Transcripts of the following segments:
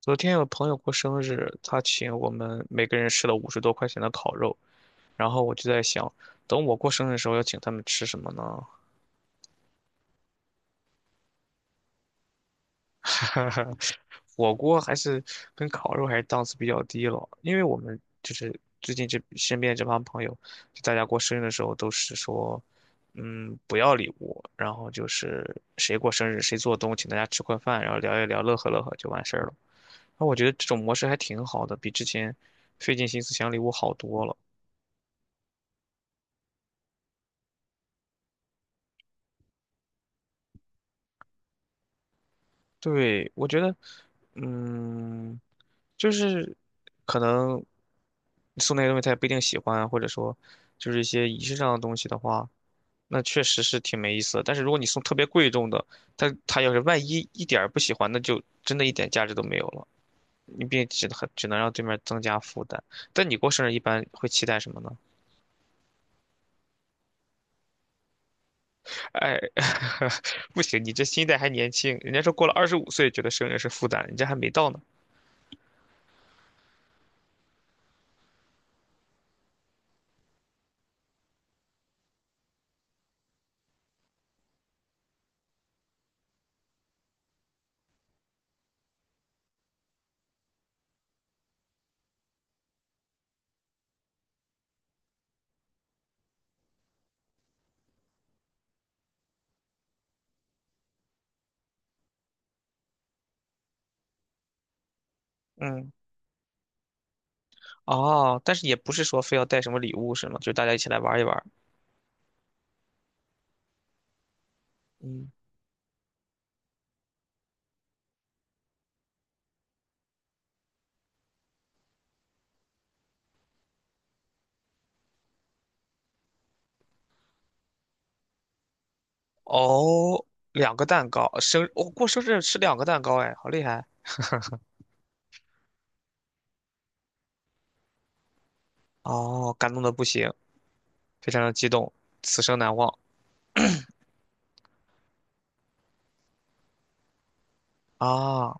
昨天有朋友过生日，他请我们每个人吃了50多块钱的烤肉，然后我就在想，等我过生日的时候要请他们吃什么呢？火锅还是跟烤肉还是档次比较低了，因为我们就是最近这身边这帮朋友，就大家过生日的时候都是说，不要礼物，然后就是谁过生日谁做东，请大家吃块饭，然后聊一聊，乐呵乐呵就完事儿了。那我觉得这种模式还挺好的，比之前费尽心思想礼物好多了。对，我觉得，嗯，就是可能送那个东西他也不一定喜欢，或者说就是一些仪式上的东西的话，那确实是挺没意思的，但是如果你送特别贵重的，他要是万一一点儿不喜欢，那就真的一点价值都没有了，你并只能让对面增加负担。但你过生日一般会期待什么呢？哎，不行，你这心态还年轻，人家说过了25岁觉得生日是负担，你这还没到呢。嗯。哦，但是也不是说非要带什么礼物是吗？就大家一起来玩一玩。嗯，哦，两个蛋糕，过生日吃两个蛋糕，哎，好厉害！哦，感动的不行，非常的激动，此生难忘啊。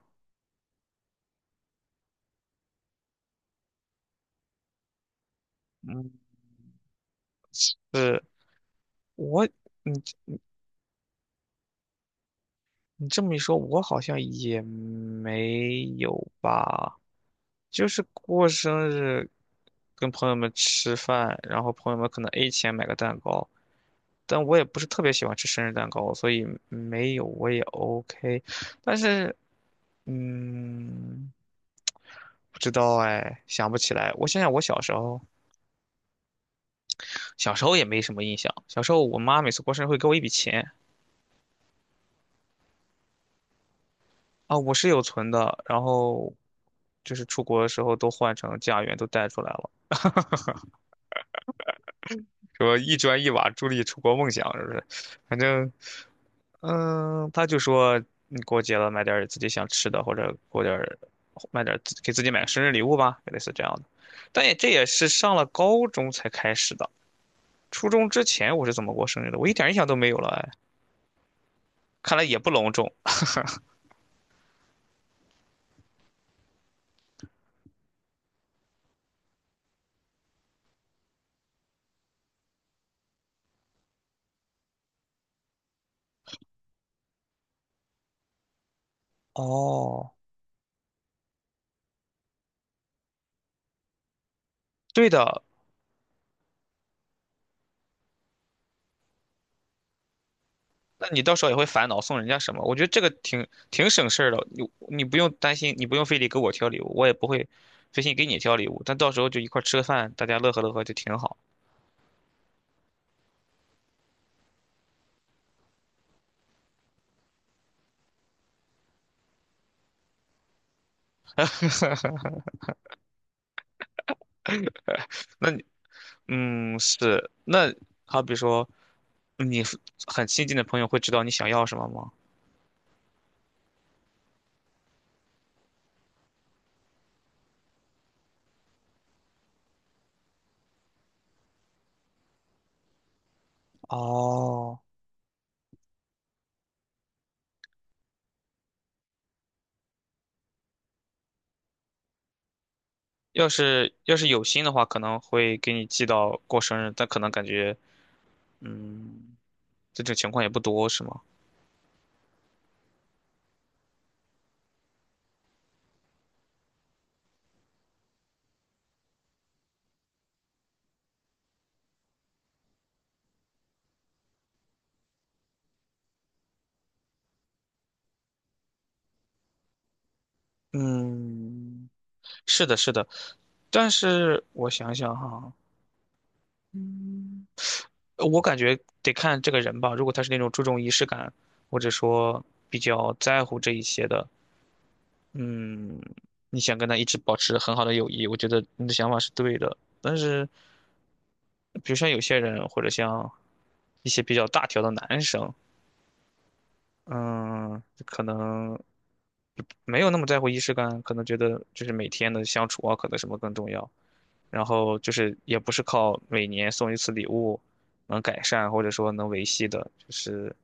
嗯，是我，你你这么一说，我好像也没有吧。就是过生日，跟朋友们吃饭，然后朋友们可能 A 钱买个蛋糕，但我也不是特别喜欢吃生日蛋糕，所以没有我也 OK。但是，嗯，不知道哎，想不起来。我想想，我小时候，小时候也没什么印象。小时候我妈每次过生日会给我一笔钱。啊，我是有存的，然后就是出国的时候都换成家元都带出来了，说一砖一瓦助力出国梦想，是不是？反正。嗯，他就说你过节了，买点儿自己想吃的，或者过点儿买点儿自己买个生日礼物吧，类似这样的。这也是上了高中才开始的，初中之前我是怎么过生日的，我一点印象都没有了，哎，看来也不隆重。哦，对的，那你到时候也会烦恼送人家什么？我觉得这个挺省事儿的，你不用担心，你不用非得给我挑礼物，我也不会费心给你挑礼物，但到时候就一块儿吃个饭，大家乐呵乐呵就挺好。那你。嗯，是。那好比说，你很亲近的朋友会知道你想要什么吗？哦，要是有心的话，可能会给你寄到过生日，但可能感觉，嗯，这种情况也不多，是吗？嗯，是的，是的。但是我想想哈，我感觉得看这个人吧。如果他是那种注重仪式感，或者说比较在乎这一些的，嗯，你想跟他一直保持很好的友谊，我觉得你的想法是对的。但是，比如像有些人，或者像一些比较大条的男生，嗯，可能没有那么在乎仪式感，可能觉得就是每天的相处啊，可能什么更重要。然后就是也不是靠每年送一次礼物能改善或者说能维系的，就是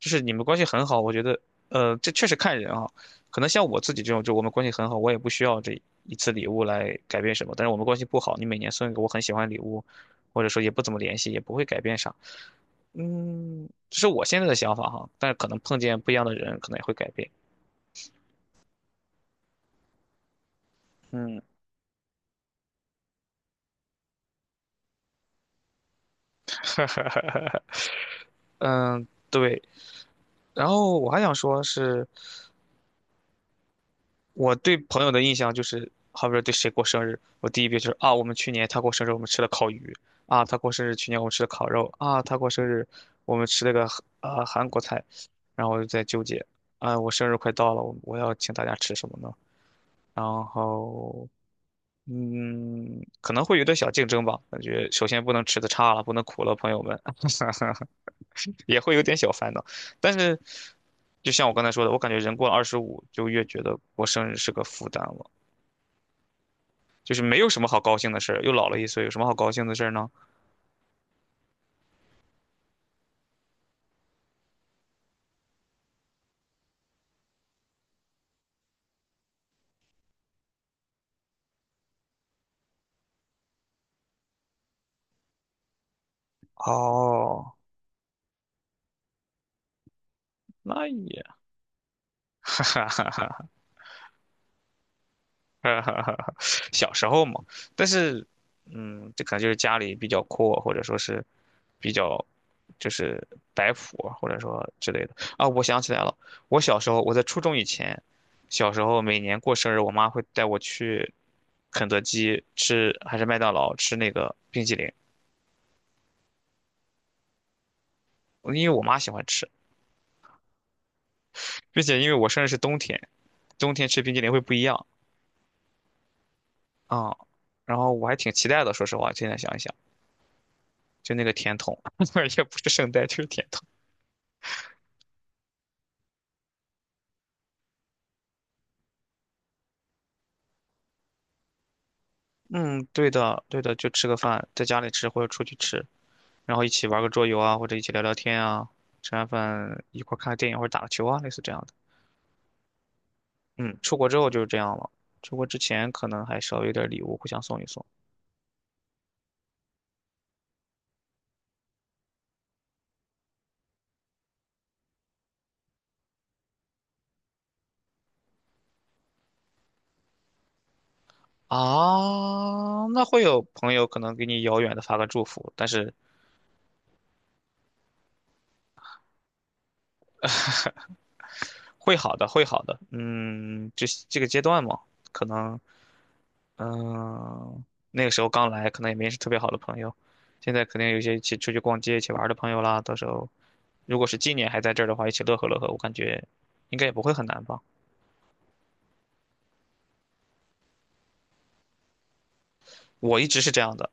就是你们关系很好，我觉得这确实看人啊，可能像我自己这种，就我们关系很好，我也不需要这一次礼物来改变什么，但是我们关系不好，你每年送一个我很喜欢的礼物，或者说也不怎么联系，也不会改变啥。嗯，这是我现在的想法哈，但是可能碰见不一样的人，可能也会改变。嗯，嗯，对。然后我还想说是，我对朋友的印象就是，好比说对谁过生日，我第一遍就是啊，我们去年他过生日，我们吃了烤鱼；啊，他过生日，去年我们吃了烤肉；啊，他过生日，我们吃了个韩国菜。然后我就在纠结，啊，我生日快到了，我要请大家吃什么呢？然后，嗯，可能会有点小竞争吧，感觉首先不能吃的差了，不能苦了朋友们，也会有点小烦恼。但是，就像我刚才说的，我感觉人过了二十五，就越觉得过生日是个负担了。就是没有什么好高兴的事儿，又老了一岁，有什么好高兴的事儿呢？哦，那也，哈哈哈哈哈哈，小时候嘛。但是，这可能就是家里比较阔，或者说是比较就是摆谱，或者说之类的啊。我想起来了，我小时候我在初中以前，小时候每年过生日，我妈会带我去肯德基吃，还是麦当劳吃那个冰淇淋，因为我妈喜欢吃，并且因为我生日是冬天。冬天吃冰激凌会不一样啊。然后我还挺期待的，说实话，现在想一想，就那个甜筒，也不是圣代，就是甜筒。嗯，对的，对的，就吃个饭，在家里吃或者出去吃，然后一起玩个桌游啊，或者一起聊聊天啊，吃完饭一块儿看个电影或者打个球啊，类似这样的。嗯，出国之后就是这样了。出国之前可能还稍微有点礼物，互相送一送啊。那会有朋友可能给你遥远的发个祝福，但是会好的，会好的。嗯，这个阶段嘛，可能嗯，那个时候刚来，可能也没是特别好的朋友。现在肯定有一些一起出去逛街、一起玩儿的朋友啦。到时候，如果是今年还在这儿的话，一起乐呵乐呵，我感觉应该也不会很难吧。我一直是这样的，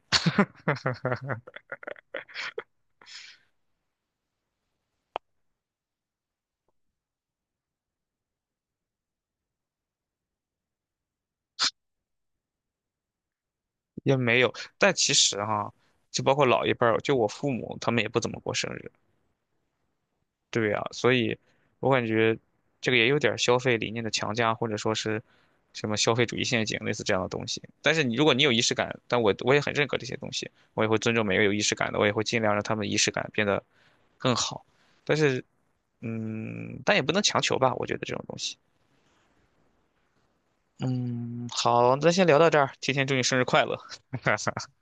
也没有。但其实哈、就包括老一辈儿，就我父母，他们也不怎么过生日。对啊，所以我感觉这个也有点儿消费理念的强加，或者说是什么消费主义陷阱，类似这样的东西。但是你如果你有仪式感，但我也很认可这些东西，我也会尊重每个有仪式感的，我也会尽量让他们仪式感变得更好。但是，嗯，但也不能强求吧，我觉得这种东西。嗯，好，那先聊到这儿，提前祝你生日快乐。